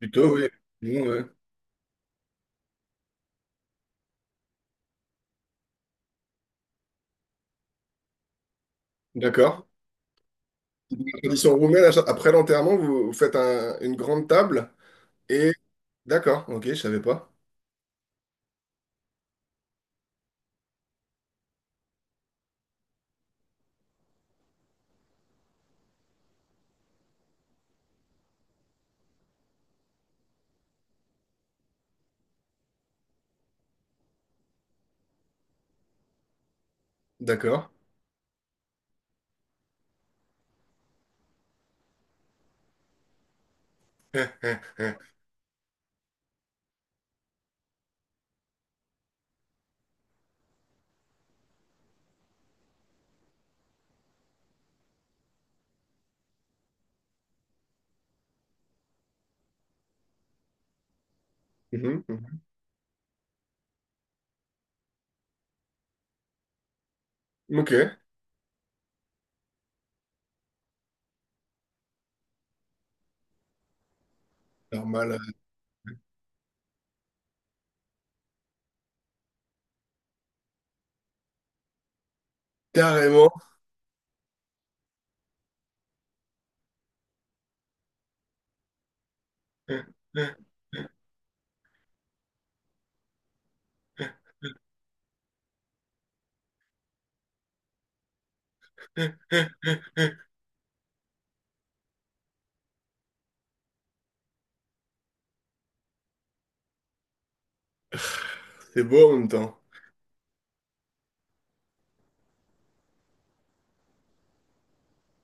Plutôt, oui. Bon, ouais. D'accord. La tradition roumaine, après l'enterrement, vous, vous faites une grande table et... D'accord, ok, je savais pas. D'accord. Mhm, mhm. Ok. Normal, carrément. C'est beau en même temps.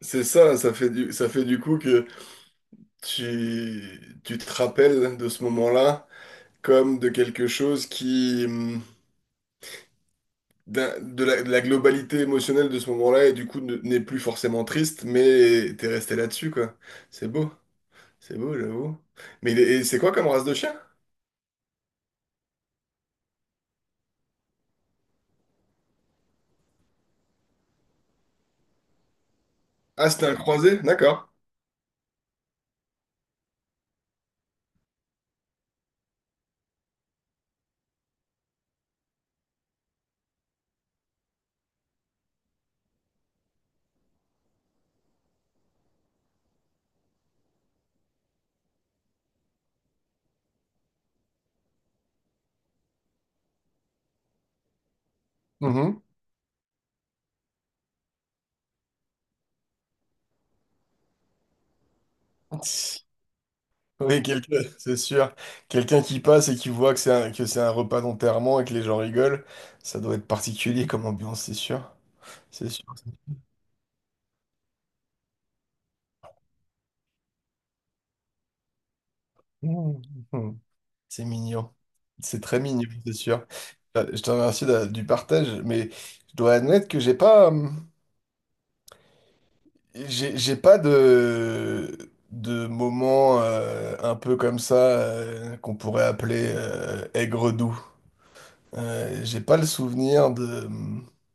C'est ça, ça fait du coup que tu te rappelles de ce moment-là comme de quelque chose qui, de la globalité émotionnelle de ce moment-là et du coup n'est plus forcément triste, mais t'es resté là-dessus, quoi. C'est beau, c'est beau, j'avoue. Mais et c'est quoi comme race de chien? Ah, c'était un croisé, d'accord. Mhm. Oui, quelqu'un, c'est sûr. Quelqu'un qui passe et qui voit que que c'est un repas d'enterrement et que les gens rigolent, ça doit être particulier comme ambiance, c'est sûr. C'est sûr. Mhm. C'est mignon. C'est très mignon, c'est sûr. Je te remercie du partage, mais je dois admettre que j'ai pas. J'ai pas de moment un peu comme ça qu'on pourrait appeler aigre-doux. J'ai pas le souvenir de.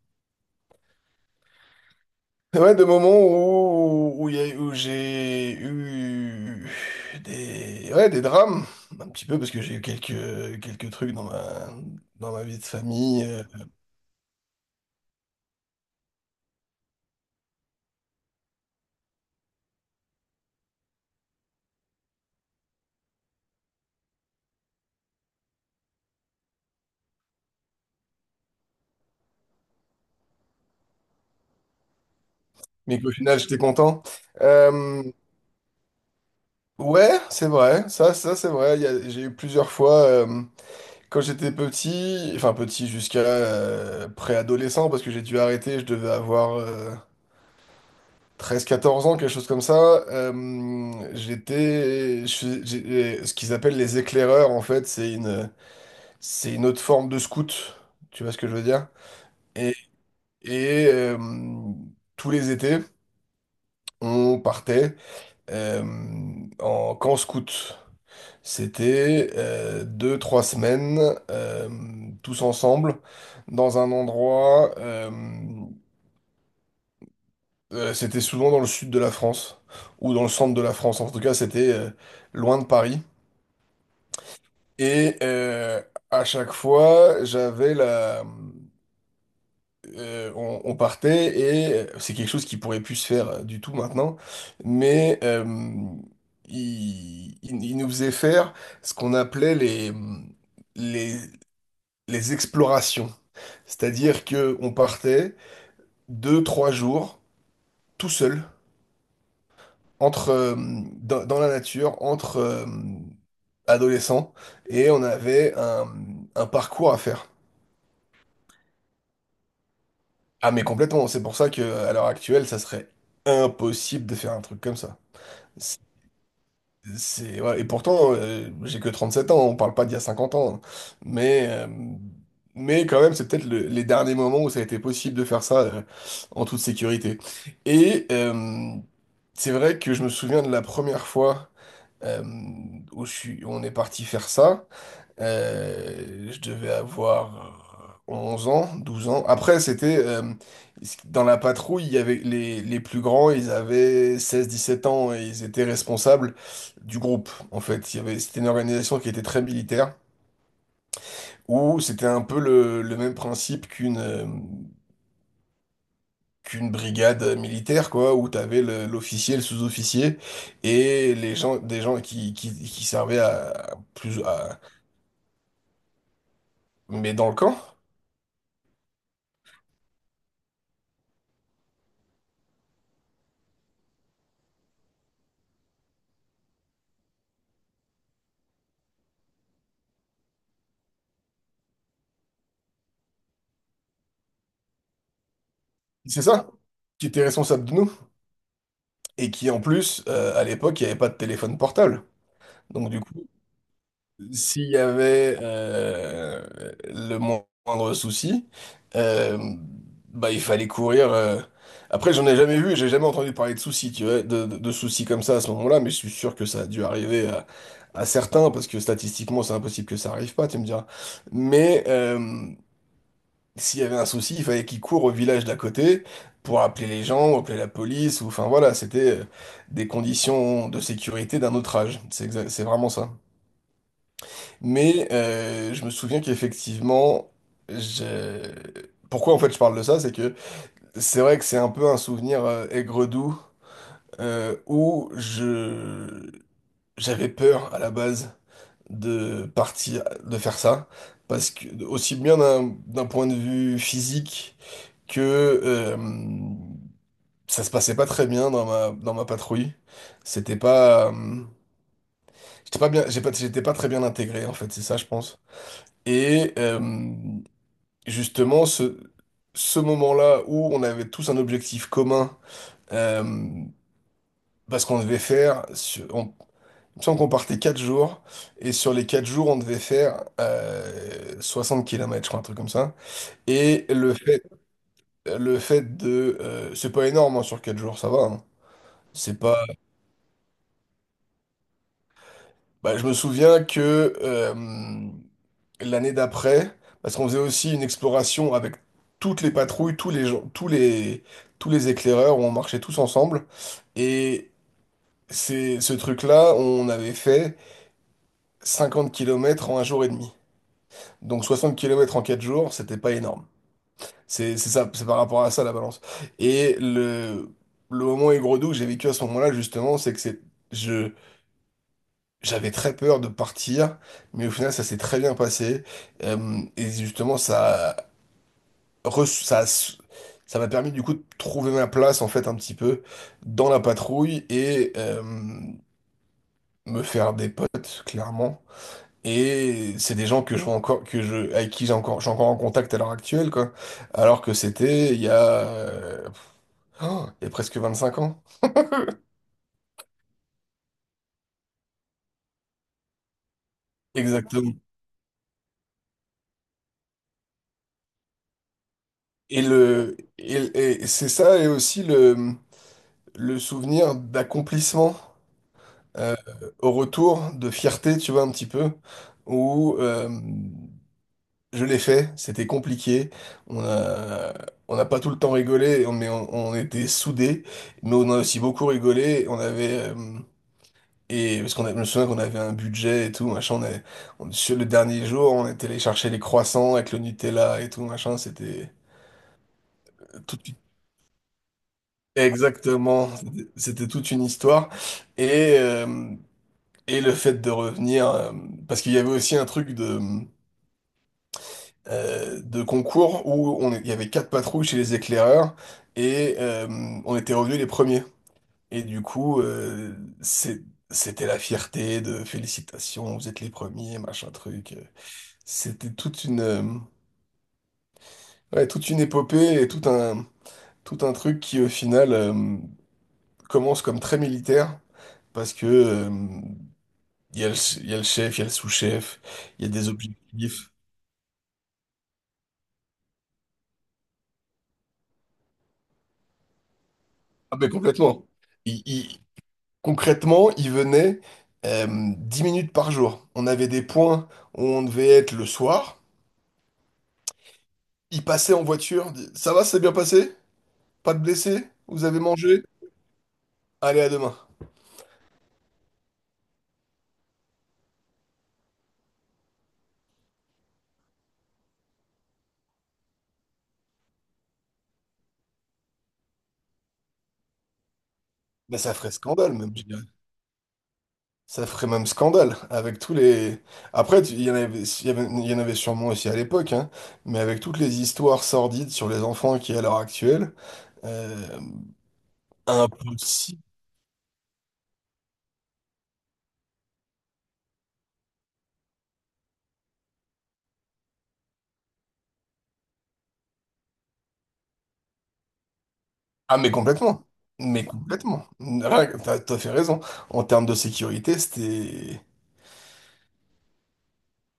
Ouais, de moments où, où j'ai eu des, ouais, des drames, un petit peu, parce que j'ai eu quelques trucs dans ma vie de famille, mais qu'au final j'étais content. Euh, ouais, c'est vrai, ça c'est vrai, j'ai eu plusieurs fois. Quand j'étais petit, enfin petit jusqu'à préadolescent, parce que j'ai dû arrêter, je devais avoir 13-14 ans, quelque chose comme ça, euh, j'étais, je suis- j'ai- ce qu'ils appellent les éclaireurs, en fait, c'est une autre forme de scout, tu vois ce que je veux dire? Et, et, tous les étés, on partait euh, en camp scout. C'était deux, trois semaines euh, tous ensemble dans un endroit. C'était souvent dans le sud de la France ou dans le centre de la France. En tout cas, c'était loin de Paris. Et à chaque fois, j'avais la. On partait et c'est quelque chose qui pourrait plus se faire du tout maintenant, mais il nous faisait faire ce qu'on appelait les les explorations. C'est-à-dire que on partait deux, trois jours tout seul entre dans la nature, entre adolescents, et on avait un parcours à faire. Ah mais complètement, c'est pour ça que à l'heure actuelle, ça serait impossible de faire un truc comme ça. Ouais, et pourtant, j'ai que 37 ans, on parle pas d'il y a 50 ans. Hein. Mais, euh, mais quand même, c'est peut-être les derniers moments où ça a été possible de faire ça en toute sécurité. Et c'est vrai que je me souviens de la première fois euh, où on est parti faire ça. Je devais avoir 11 ans, 12 ans. Après, c'était dans la patrouille, il y avait les plus grands, ils avaient 16-17 ans et ils étaient responsables du groupe, en fait. C'était une organisation qui était très militaire, où c'était un peu le même principe qu'une qu'une brigade militaire, quoi, où tu avais l'officier, le sous-officier, et des gens qui servaient à plus à, mais dans le camp, c'est ça, qui étaient responsables de nous. Et qui en plus, à l'époque, il n'y avait pas de téléphone portable. Donc du coup, s'il y avait le moindre souci, euh, bah, il fallait courir. Après, j'en ai jamais vu, j'ai jamais entendu parler de soucis, tu vois, de soucis comme ça à ce moment-là, mais je suis sûr que ça a dû arriver à certains, parce que statistiquement, c'est impossible que ça arrive pas, tu me diras. Mais, s'il y avait un souci, il fallait qu'il court au village d'à côté pour appeler les gens, ou appeler la police, ou enfin voilà, c'était des conditions de sécurité d'un autre âge. C'est vraiment ça. Mais je me souviens qu'effectivement, je- pourquoi en fait je parle de ça, c'est que c'est vrai que c'est un peu un souvenir aigre-doux où je j'avais peur à la base de partir, de faire ça, parce que aussi bien d'un point de vue physique que euh, ça se passait pas très bien dans ma patrouille. C'était pas, j'étais pas bien, j'ai pas, j'étais pas très bien intégré en fait, c'est ça je pense. Et justement ce moment-là où on avait tous un objectif commun, euh, parce qu'on devait faire, il me semble qu'on partait 4 jours, et sur les 4 jours on devait faire 60 km, je crois, un truc comme ça. Et le fait, c'est pas énorme hein, sur 4 jours, ça va. Hein. C'est pas, bah, je me souviens que l'année d'après, parce qu'on faisait aussi une exploration avec toutes les patrouilles, tous les gens, tous les éclaireurs, on marchait tous ensemble. Et c'est ce truc-là, on avait fait 50 kilomètres en un jour et demi. Donc 60 kilomètres en 4 jours, c'était pas énorme. C'est ça, c'est par rapport à ça la balance. Et le moment aigre-doux que j'ai vécu à ce moment-là, justement, c'est que c'est, je, j'avais très peur de partir, mais au final, ça s'est très bien passé. Et justement, ça, a reçu- ça, a s- ça m'a permis du coup de trouver ma place, en fait, un petit peu dans la patrouille et me faire des potes, clairement. Et c'est des gens que je vois encore, avec qui je suis encore en contact à l'heure actuelle, quoi. Alors que c'était il y a, oh, il y a presque 5 ans. Exactement. Et le, et c'est ça, et aussi le souvenir d'accomplissement euh, au retour de fierté, tu vois, un petit peu, où je l'ai fait, c'était compliqué, on a, on n'a pas tout le temps rigolé, mais on était soudés, mais on a aussi beaucoup rigolé, on avait. Et je me souviens qu'on avait un budget et tout, machin, sur le dernier jour, on était allé chercher les croissants avec le Nutella et tout, machin, c'était tout, exactement, c'était toute une histoire. Et, euh, Et le fait de revenir, parce qu'il y avait aussi un truc de concours il y avait quatre patrouilles chez les éclaireurs et on était revenus les premiers. Et du coup, c'est- c'était la fierté de félicitations, vous êtes les premiers, machin truc. C'était toute une, ouais, toute une épopée et tout un truc qui au final commence comme très militaire parce que il y a le, il y a le chef, il y a le sous-chef, il y a des objectifs. Ah ben complètement. Il- il- concrètement, il venait euh, 10 minutes par jour. On avait des points où on devait être le soir. Il passait en voiture. Dit, ça va, c'est bien passé? Pas de blessés? Vous avez mangé? Allez, à demain. Mais ça ferait scandale même, je dirais. Ça ferait même scandale avec tous les. Après, il y en avait, il y en avait sûrement aussi à l'époque, hein, mais avec toutes les histoires sordides sur les enfants qui est à l'heure actuelle, euh, impossible. Ah mais complètement, mais complètement. Rien que- T'as fait raison. En termes de sécurité, c'était.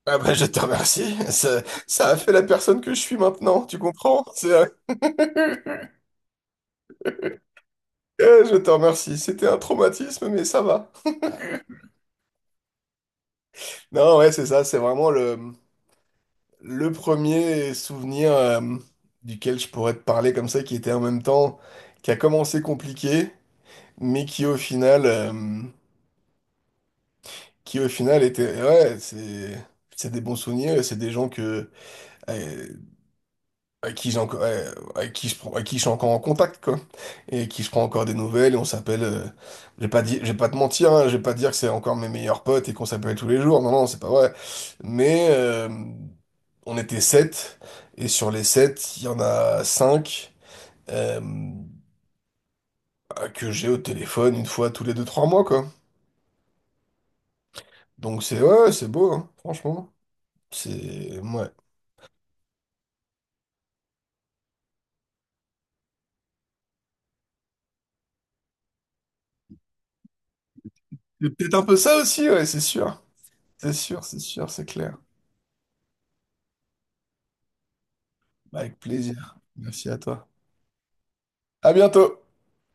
Ah bah je te remercie. Ça a fait la personne que je suis maintenant, tu comprends? Eh, je te remercie. C'était un traumatisme, mais ça va. Non, ouais, c'est ça. C'est vraiment le premier souvenir duquel je pourrais te parler comme ça, qui était en même temps, qui a commencé compliqué, mais qui au final était... Ouais, c'est... C'est des bons souvenirs et c'est des gens que... euh, Avec qui j'ai encore, ouais, avec qui avec qui je suis encore en contact, quoi. Et qui je prends encore des nouvelles et on s'appelle, je vais pas dire, je vais pas te mentir, hein, je vais pas dire que c'est encore mes meilleurs potes et qu'on s'appelle tous les jours. Non, non, c'est pas vrai. Mais, on était sept et sur les sept, il y en a cinq, euh, bah, que j'ai au téléphone une fois tous les deux, trois mois, quoi. Donc c'est, ouais, ouais, c'est beau, hein, franchement. C'est, ouais. C'est peut-être un peu ça aussi, ouais, c'est sûr. C'est sûr, c'est sûr, c'est clair. Avec plaisir. Merci à toi. À bientôt!